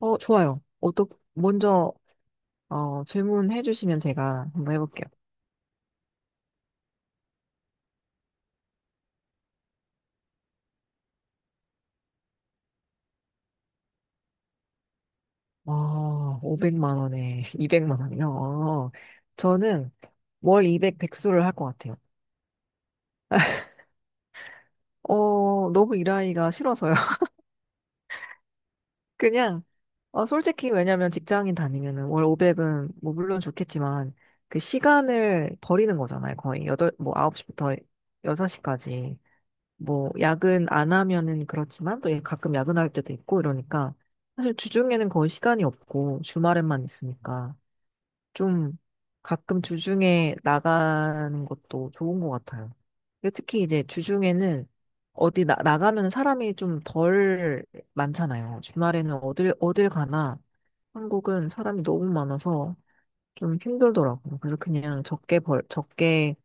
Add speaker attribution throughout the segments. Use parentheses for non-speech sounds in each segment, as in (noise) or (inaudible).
Speaker 1: 어, 좋아요. 먼저, 질문해 주시면 제가 한번 해볼게요. 아, 500만 원에 (laughs) 200만 원이요. 저는 월 200 백수를 할 것 같아요. 너무 일하기가 싫어서요. (laughs) 그냥, 솔직히 왜냐면 직장인 다니면은 월 500은 뭐 물론 좋겠지만 그 시간을 버리는 거잖아요. 거의 여덟 뭐 9시부터 6시까지. 뭐 야근 안 하면은 그렇지만 또 예, 가끔 야근할 때도 있고 이러니까 사실 주중에는 거의 시간이 없고 주말에만 있으니까 좀 가끔 주중에 나가는 것도 좋은 것 같아요. 근데 특히 이제 주중에는 어디 나가면 사람이 좀 덜 많잖아요. 주말에는 어딜 가나 한국은 사람이 너무 많아서 좀 힘들더라고요. 그래서 그냥 적게 벌, 적게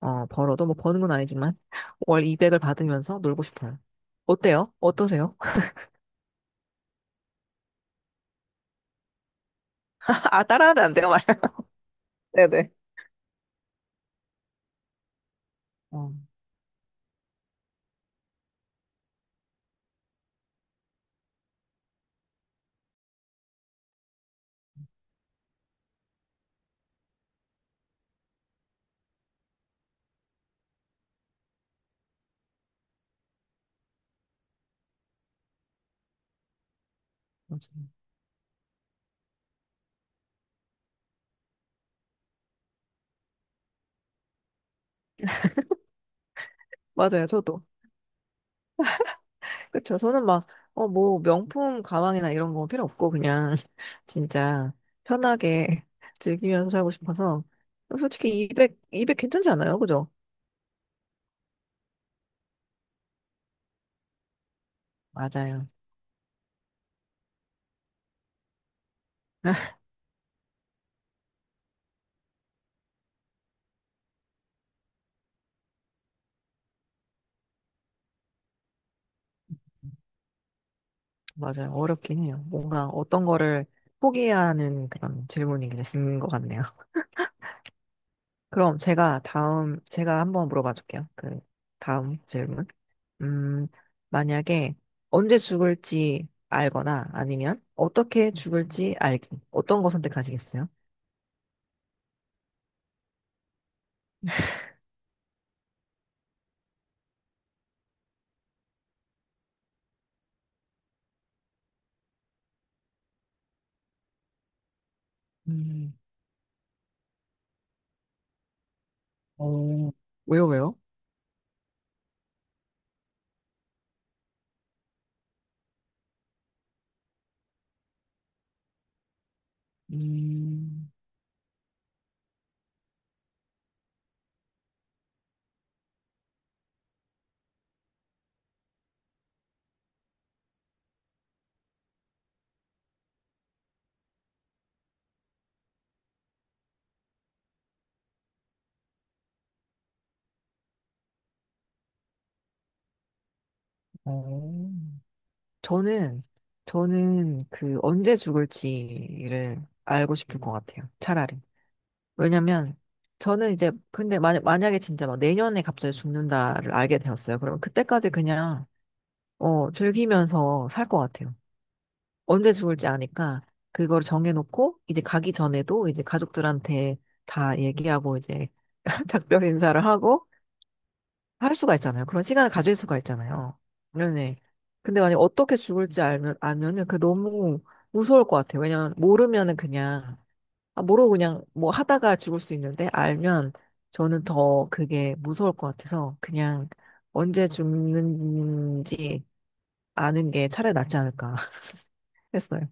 Speaker 1: 벌어도 뭐 버는 건 아니지만 (laughs) 월 200을 받으면서 놀고 싶어요. 어때요? 어떠세요? (laughs) 아, 따라하면 안 돼요, 말 (laughs) 네네. 어, 맞아요. 맞아요, 저도. 그쵸. 저는 막, 뭐, 명품 가방이나 이런 거 필요 없고, 그냥, (laughs) 진짜, 편하게 (laughs) 즐기면서 살고 싶어서. 솔직히 200, 200 괜찮지 않아요? 그죠? 맞아요. 맞아요. 어렵긴 해요. 뭔가 어떤 거를 포기해야 하는 그런 질문이 되신 것 같네요. 그럼 제가 다음, 제가 한번 물어봐 줄게요. 그, 다음 질문. 음, 만약에 언제 죽을지 알거나 아니면 어떻게 죽을지 알기. 어떤 거 선택하시겠어요? 음, 어, 왜요, 왜요? 음, 어, 저는, 저는 그 언제 죽을지를 알고 싶을 것 같아요. 차라리. 왜냐면, 저는 이제, 근데 만약에 진짜 막 내년에 갑자기 죽는다를 알게 되었어요. 그러면 그때까지 그냥 즐기면서 살 것 같아요. 언제 죽을지 아니까 그걸 정해놓고 이제 가기 전에도 이제 가족들한테 다 얘기하고 이제 (laughs) 작별 인사를 하고 할 수가 있잖아요. 그런 시간을 가질 수가 있잖아요. 네네. 근데 만약에 어떻게 죽을지 알면, 알면은 그 너무 무서울 것 같아요. 왜냐면 모르면은 그냥, 아, 모르고 그냥 뭐 하다가 죽을 수 있는데 알면 저는 더 그게 무서울 것 같아서 그냥 언제 죽는지 아는 게 차라리 낫지 않을까. 했어요.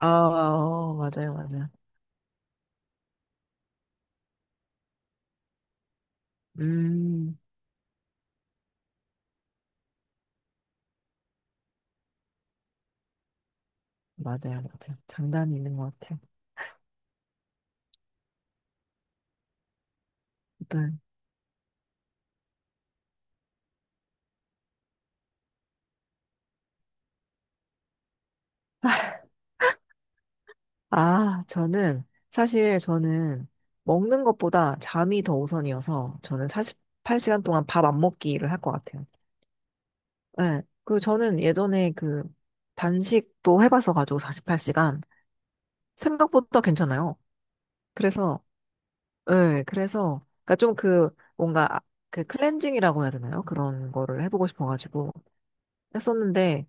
Speaker 1: 아, 맞아요, 맞아요. 음, 맞아요, 맞아요. 장단이 있는 것 같아요. 일단, 아, 사실 저는 먹는 것보다 잠이 더 우선이어서 저는 48시간 동안 밥 안 먹기를 할 것 같아요. 네. 그리고 저는 예전에 그 단식도 해봐서 가지고 48시간 생각보다 괜찮아요. 그래서, 네, 그래서, 그니까 좀 그, 뭔가, 그 클렌징이라고 해야 되나요? 그런 거를 해보고 싶어가지고 했었는데,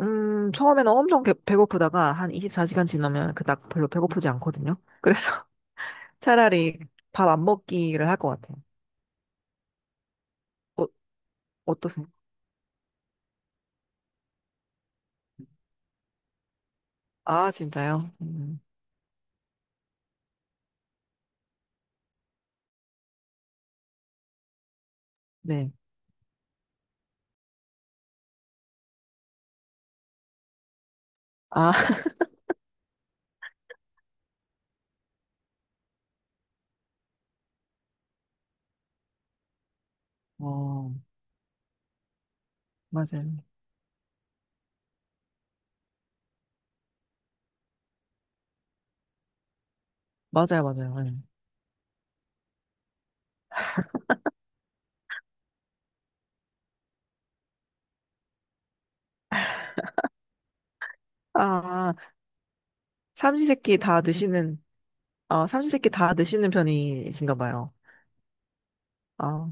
Speaker 1: 처음에는 엄청 배고프다가 한 24시간 지나면 그닥 별로 배고프지 않거든요. 그래서 (laughs) 차라리 밥 안 먹기를 할 것 같아요. 어, 어떠세요? 아, 진짜요? 네. 아, (laughs) 어, 맞아요. 맞아요, 맞아요. 네. 아, 삼시세끼 다 드시는, 아, 삼시세끼 다 드시는 편이신가 봐요. 아,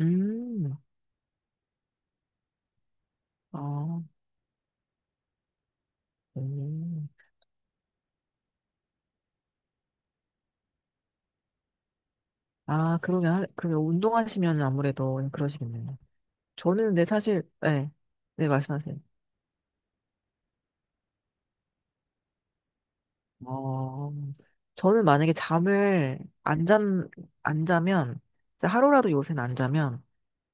Speaker 1: 음, 아, 음. 아, 그러면, 그러면 운동하시면 아무래도 그러시겠네요. 저는 근데 사실, 네, 네, 말씀하세요. 어, 저는 만약에 잠을 안 잔, 안 자면, 진짜 하루라도 요새는 안 자면,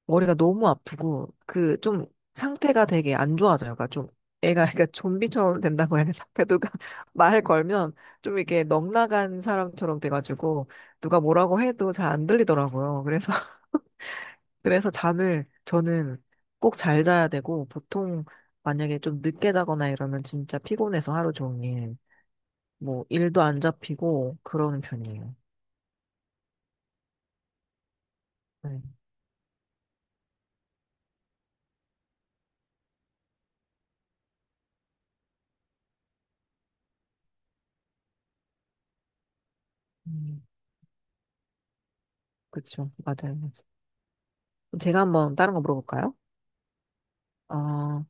Speaker 1: 머리가 너무 아프고, 그, 좀, 상태가 되게 안 좋아져요. 그러니까 좀, 애가, 그러니까 좀비처럼 된다고 해야 되나? 그러니까 누가 (laughs) 말 걸면, 좀 이렇게 넉나간 사람처럼 돼가지고, 누가 뭐라고 해도 잘 안 들리더라고요. 그래서, (laughs) 그래서 잠을, 저는 꼭 잘 자야 되고, 보통, 만약에 좀 늦게 자거나 이러면 진짜 피곤해서 하루 종일. 뭐 일도 안 잡히고 그러는 편이에요. 네. 음, 그쵸. 맞아요. 맞아요. 제가 한번 다른 거 물어볼까요? 어,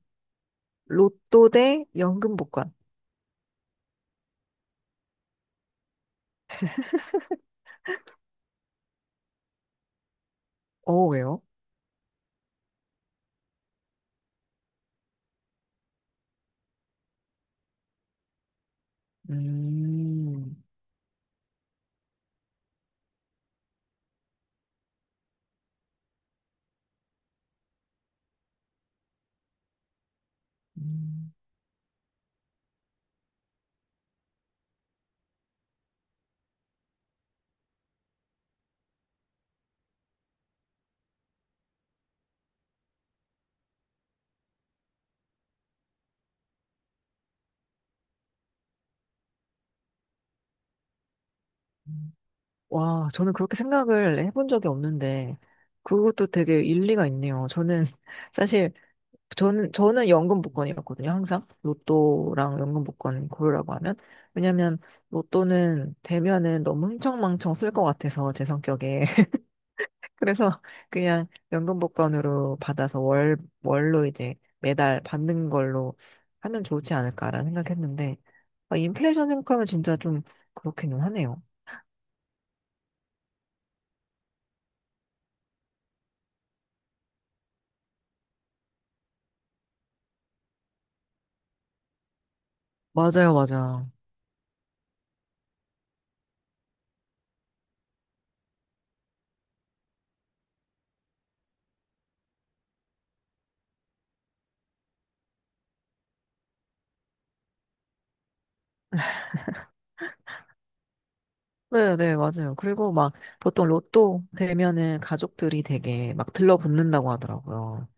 Speaker 1: 로또 대 연금 복권. 왜요? 음, 음. 와, 저는 그렇게 생각을 해본 적이 없는데, 그것도 되게 일리가 있네요. 저는, (laughs) 사실, 저는 연금 복권이었거든요, 항상. 로또랑 연금 복권 고르라고 하면. 왜냐면, 로또는 되면은 너무 흥청망청 쓸 것 같아서, 제 성격에. 그래서 그냥 연금 복권으로 받아서 월, 월로 이제 매달 받는 걸로 하면 좋지 않을까라는 생각했는데, 아, 인플레이션 생각하면 진짜 좀 그렇기는 하네요. 맞아요, 맞아요. 네, 네, 맞아요. 그리고 막 보통 로또 되면은 가족들이 되게 막 들러붙는다고 하더라고요.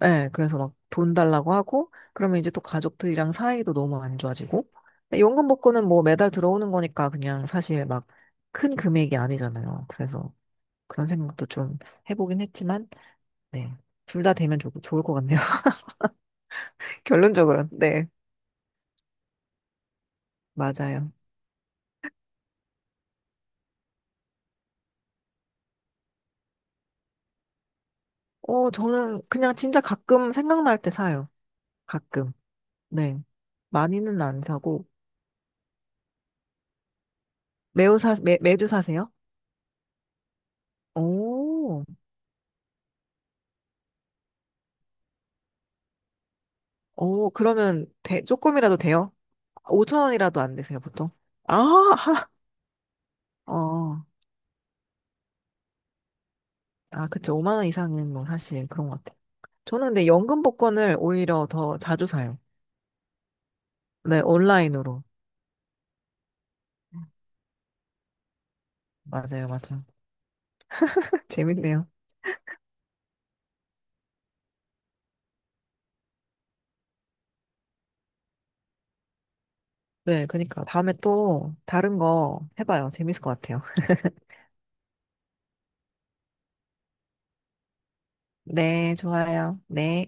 Speaker 1: 네, 그래서 막 돈 달라고 하고, 그러면 이제 또 가족들이랑 사이도 너무 안 좋아지고, 근데 연금 복권은 뭐 매달 들어오는 거니까 그냥 사실 막 큰 금액이 아니잖아요. 그래서 그런 생각도 좀 해보긴 했지만, 네. 둘 다 되면 좋, 좋을 것 같네요. (laughs) 결론적으로는. 네. 맞아요. 저는 그냥 진짜 가끔 생각날 때 사요. 가끔. 네. 많이는 안 사고, 매주 사세요? 오, 오, 그러면 대, 조금이라도 돼요? 5천 원이라도 안 되세요, 보통? 아, (laughs) 하, 아, 그쵸. 5만 원 이상은 뭐 사실 그런 것 같아요. 저는 근데 연금 복권을 오히려 더 자주 사요. 네, 온라인으로. 맞아요, 맞아요. (laughs) 재밌네요. 네, 그니까 다음에 또 다른 거 해봐요. 재밌을 것 같아요. (laughs) 네, 좋아요. 네.